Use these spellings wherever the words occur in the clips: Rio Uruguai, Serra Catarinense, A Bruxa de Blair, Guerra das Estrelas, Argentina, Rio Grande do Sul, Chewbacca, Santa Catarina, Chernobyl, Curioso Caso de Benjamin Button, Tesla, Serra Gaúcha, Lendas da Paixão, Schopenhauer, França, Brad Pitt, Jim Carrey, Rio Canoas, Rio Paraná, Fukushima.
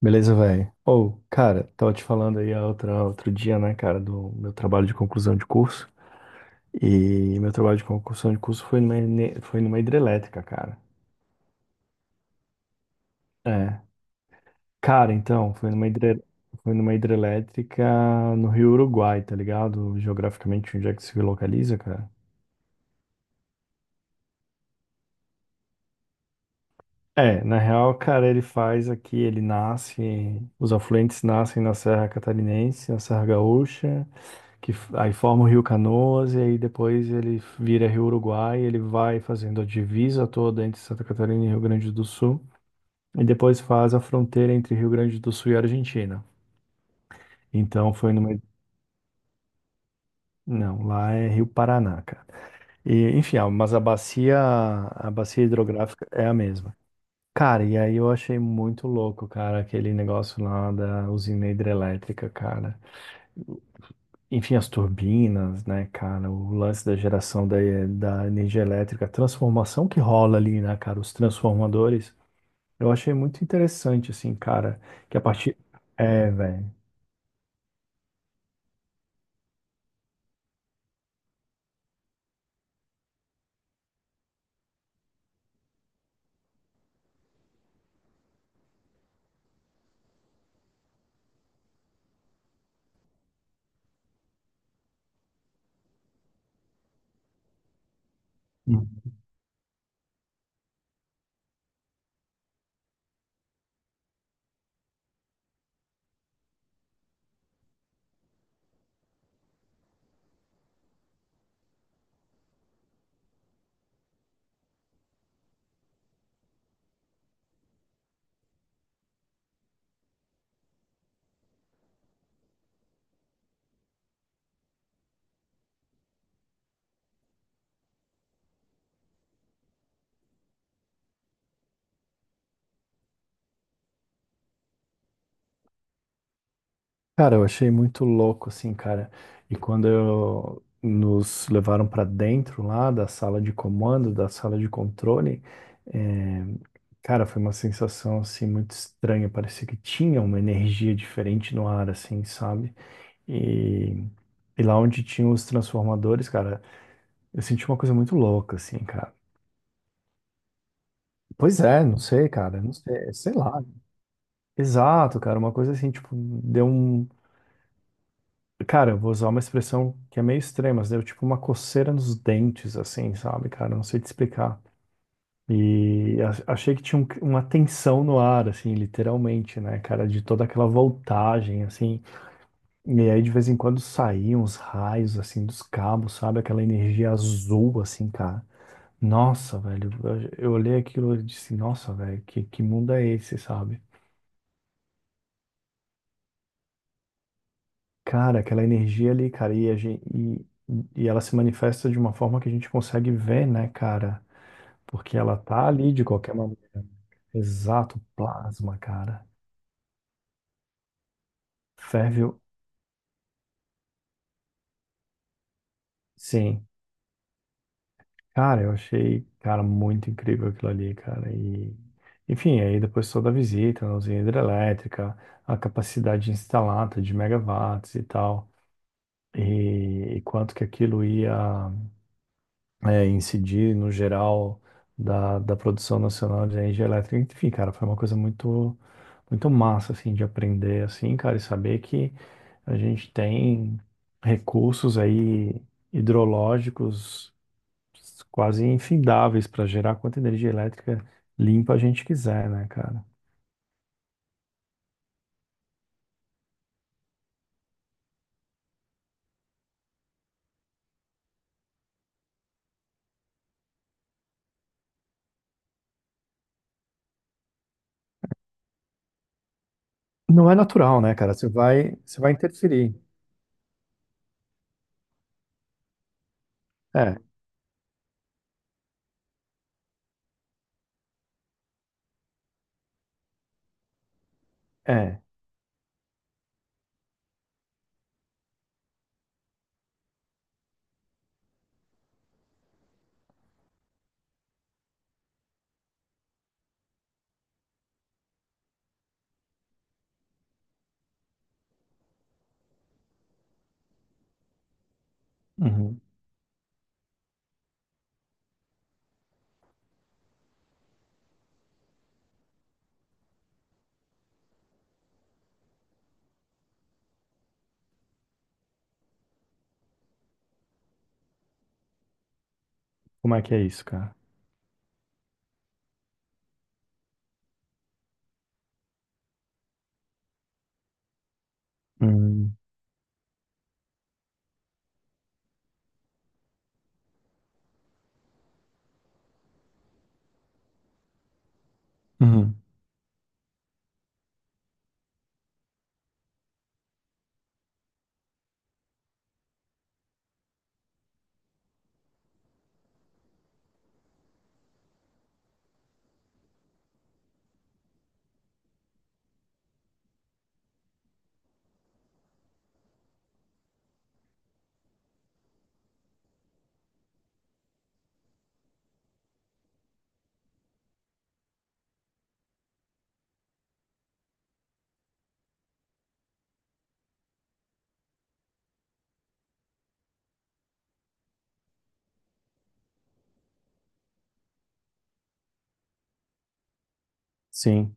Beleza, velho? Ou, cara, tava te falando aí outro dia, né, cara, do meu trabalho de conclusão de curso. E meu trabalho de conclusão de curso foi numa hidrelétrica, cara. É. Cara, então, foi numa hidrelétrica no Rio Uruguai, tá ligado? Geograficamente, onde é que se localiza, cara? É, na real, cara, ele faz aqui, ele nasce, os afluentes nascem na Serra Catarinense, na Serra Gaúcha. Aí forma o Rio Canoas e aí depois ele vira Rio Uruguai, ele vai fazendo a divisa toda entre Santa Catarina e Rio Grande do Sul e depois faz a fronteira entre Rio Grande do Sul e Argentina. Então foi numa Não, lá é Rio Paraná, cara. E, enfim, mas a bacia hidrográfica é a mesma. Cara, e aí eu achei muito louco, cara, aquele negócio lá da usina hidrelétrica, cara. Enfim, as turbinas, né, cara? O lance da geração da energia elétrica, a transformação que rola ali, né, cara? Os transformadores. Eu achei muito interessante, assim, cara. Que a partir. É, velho. Cara, eu achei muito louco, assim, cara. E quando nos levaram pra dentro lá da sala de comando, da sala de controle, é, cara, foi uma sensação, assim, muito estranha. Parecia que tinha uma energia diferente no ar, assim, sabe? E, e lá onde tinha os transformadores, cara, eu senti uma coisa muito louca, assim, cara. Pois é, não sei, cara, não sei, é, sei lá. Exato, cara, uma coisa assim, tipo, deu um. Cara, eu vou usar uma expressão que é meio extrema, mas deu tipo uma coceira nos dentes, assim, sabe, cara? Não sei te explicar. E achei que tinha uma tensão no ar, assim, literalmente, né, cara, de toda aquela voltagem, assim. E aí de vez em quando saíam os raios, assim, dos cabos, sabe? Aquela energia azul, assim, cara. Nossa, velho, eu olhei aquilo e disse, nossa, velho, que mundo é esse, sabe? Cara, aquela energia ali, cara, e ela se manifesta de uma forma que a gente consegue ver, né, cara? Porque ela tá ali de qualquer maneira. Exato, plasma, cara. Ferve, sim. Cara, eu achei, cara, muito incrível aquilo ali, cara. E, enfim, aí depois toda a visita na usina hidrelétrica, a capacidade instalada de megawatts e tal. E quanto que aquilo ia incidir no geral da produção nacional de energia elétrica. Enfim, cara, foi uma coisa muito, muito massa, assim, de aprender, assim, cara, e saber que a gente tem recursos aí hidrológicos quase infindáveis para gerar quanta energia elétrica limpa a gente quiser, né, cara? Não é natural, né, cara? Você vai interferir. É, é. Uhum. Como é que é isso, cara? Uhum. Uhum. Sim.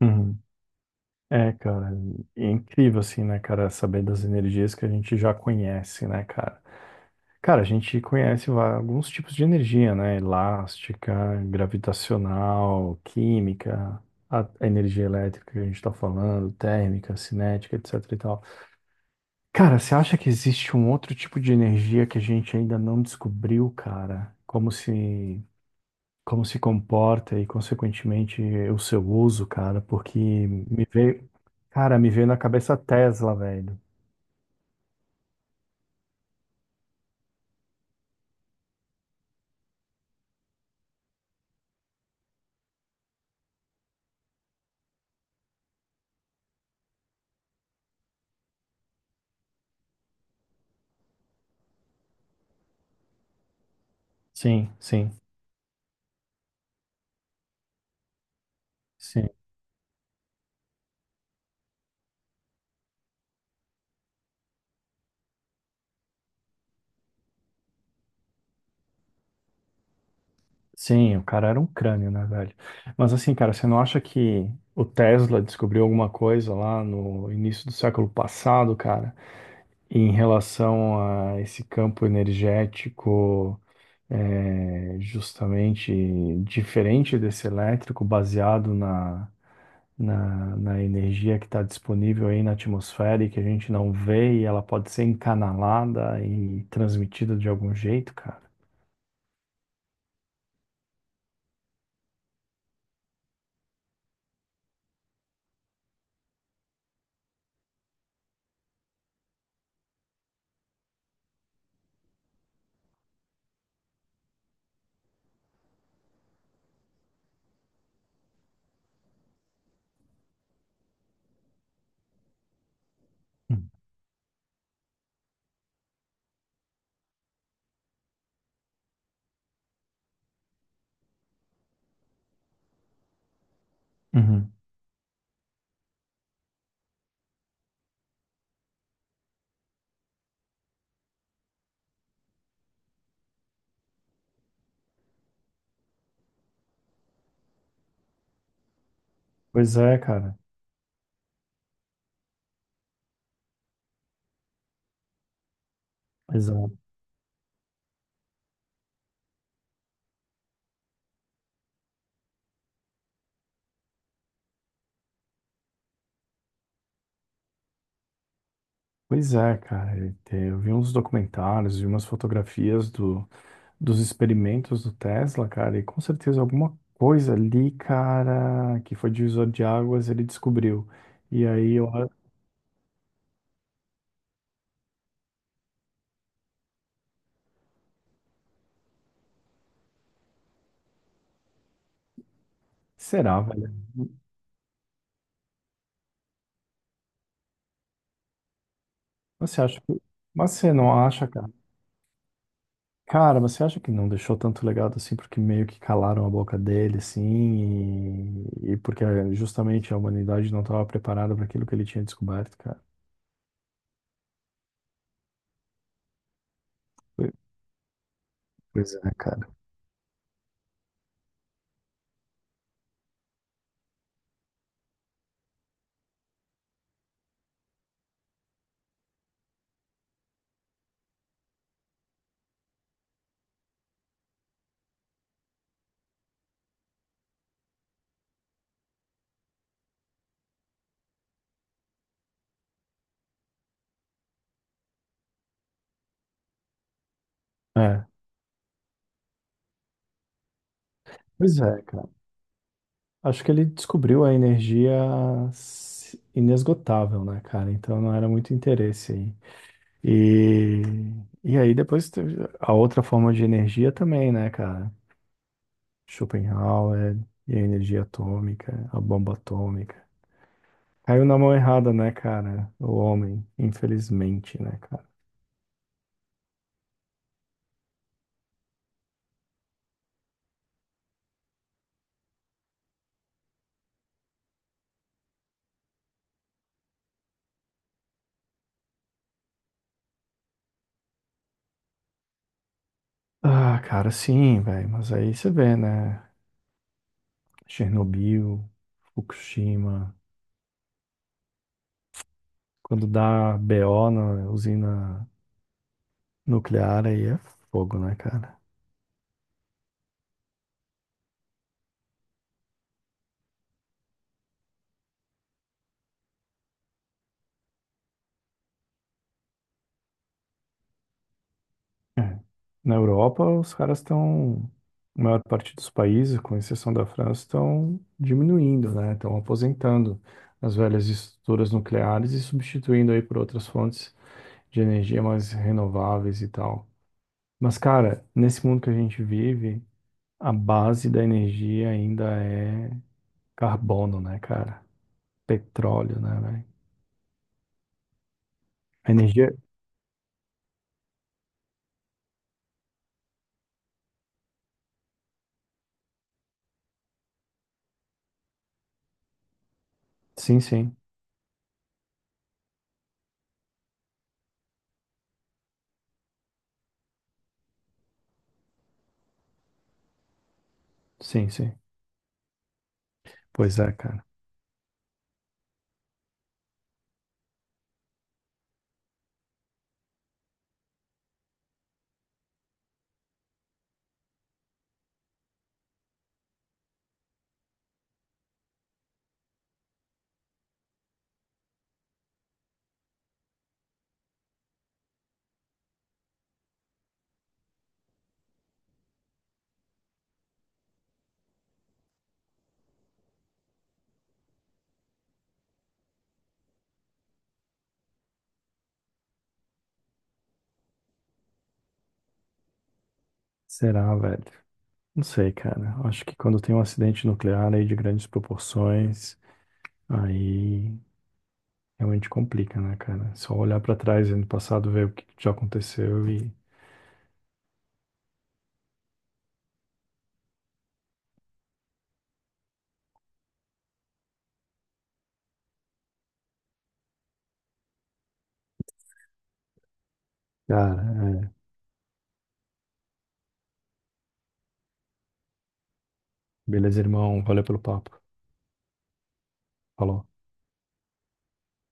Uhum. É, cara, é incrível assim, né, cara, saber das energias que a gente já conhece, né, cara? Cara, a gente conhece alguns tipos de energia, né? Elástica, gravitacional, química, a energia elétrica que a gente tá falando, térmica, cinética, etc e tal. Cara, você acha que existe um outro tipo de energia que a gente ainda não descobriu, cara? Como se comporta e, consequentemente, o seu uso, cara? Porque me veio Cara, me veio na cabeça Tesla, velho. Sim, sim, sim. Sim, o cara era um crânio, né, velho? Mas assim, cara, você não acha que o Tesla descobriu alguma coisa lá no início do século passado, cara, em relação a esse campo energético, é, justamente diferente desse elétrico, baseado na energia que está disponível aí na atmosfera e que a gente não vê, e ela pode ser encanalada e transmitida de algum jeito, cara. Hum. Uhum. Pois é, cara. Exato. Pois é, cara. E eu vi uns documentários vi umas fotografias do, dos experimentos do Tesla, cara, e com certeza alguma coisa ali, cara, que foi divisor de águas, ele descobriu. E aí, eu... Será, velho? Você acha que... Mas você não acha, cara? Cara, você acha que não deixou tanto legado assim porque meio que calaram a boca dele, assim, e porque justamente a humanidade não estava preparada para aquilo que ele tinha descoberto, cara? Pois pois é, cara. É, pois é, cara. Acho que ele descobriu a energia inesgotável, né, cara? Então não era muito interesse aí. E, e aí depois teve a outra forma de energia também, né, cara? Schopenhauer e a energia atômica, a bomba atômica. Caiu na mão errada, né, cara? O homem, infelizmente, né, cara? Ah, cara, sim, velho. Mas aí você vê, né? Chernobyl, Fukushima. Quando dá BO na usina nuclear, aí é fogo, né, cara? É. Na Europa, os caras estão. A maior parte dos países, com exceção da França, estão diminuindo, né? Estão aposentando as velhas estruturas nucleares e substituindo aí por outras fontes de energia mais renováveis e tal. Mas, cara, nesse mundo que a gente vive, a base da energia ainda é carbono, né, cara? Petróleo, né, velho? A energia. Sim, sim. Sim, sim. Pois é, cara. Será, velho? Não sei, cara. Acho que quando tem um acidente nuclear aí de grandes proporções, aí realmente complica, né, cara? É só olhar pra trás e no passado ver o que que já aconteceu e. Cara, é. Beleza, irmão. Valeu pelo papo. Falou.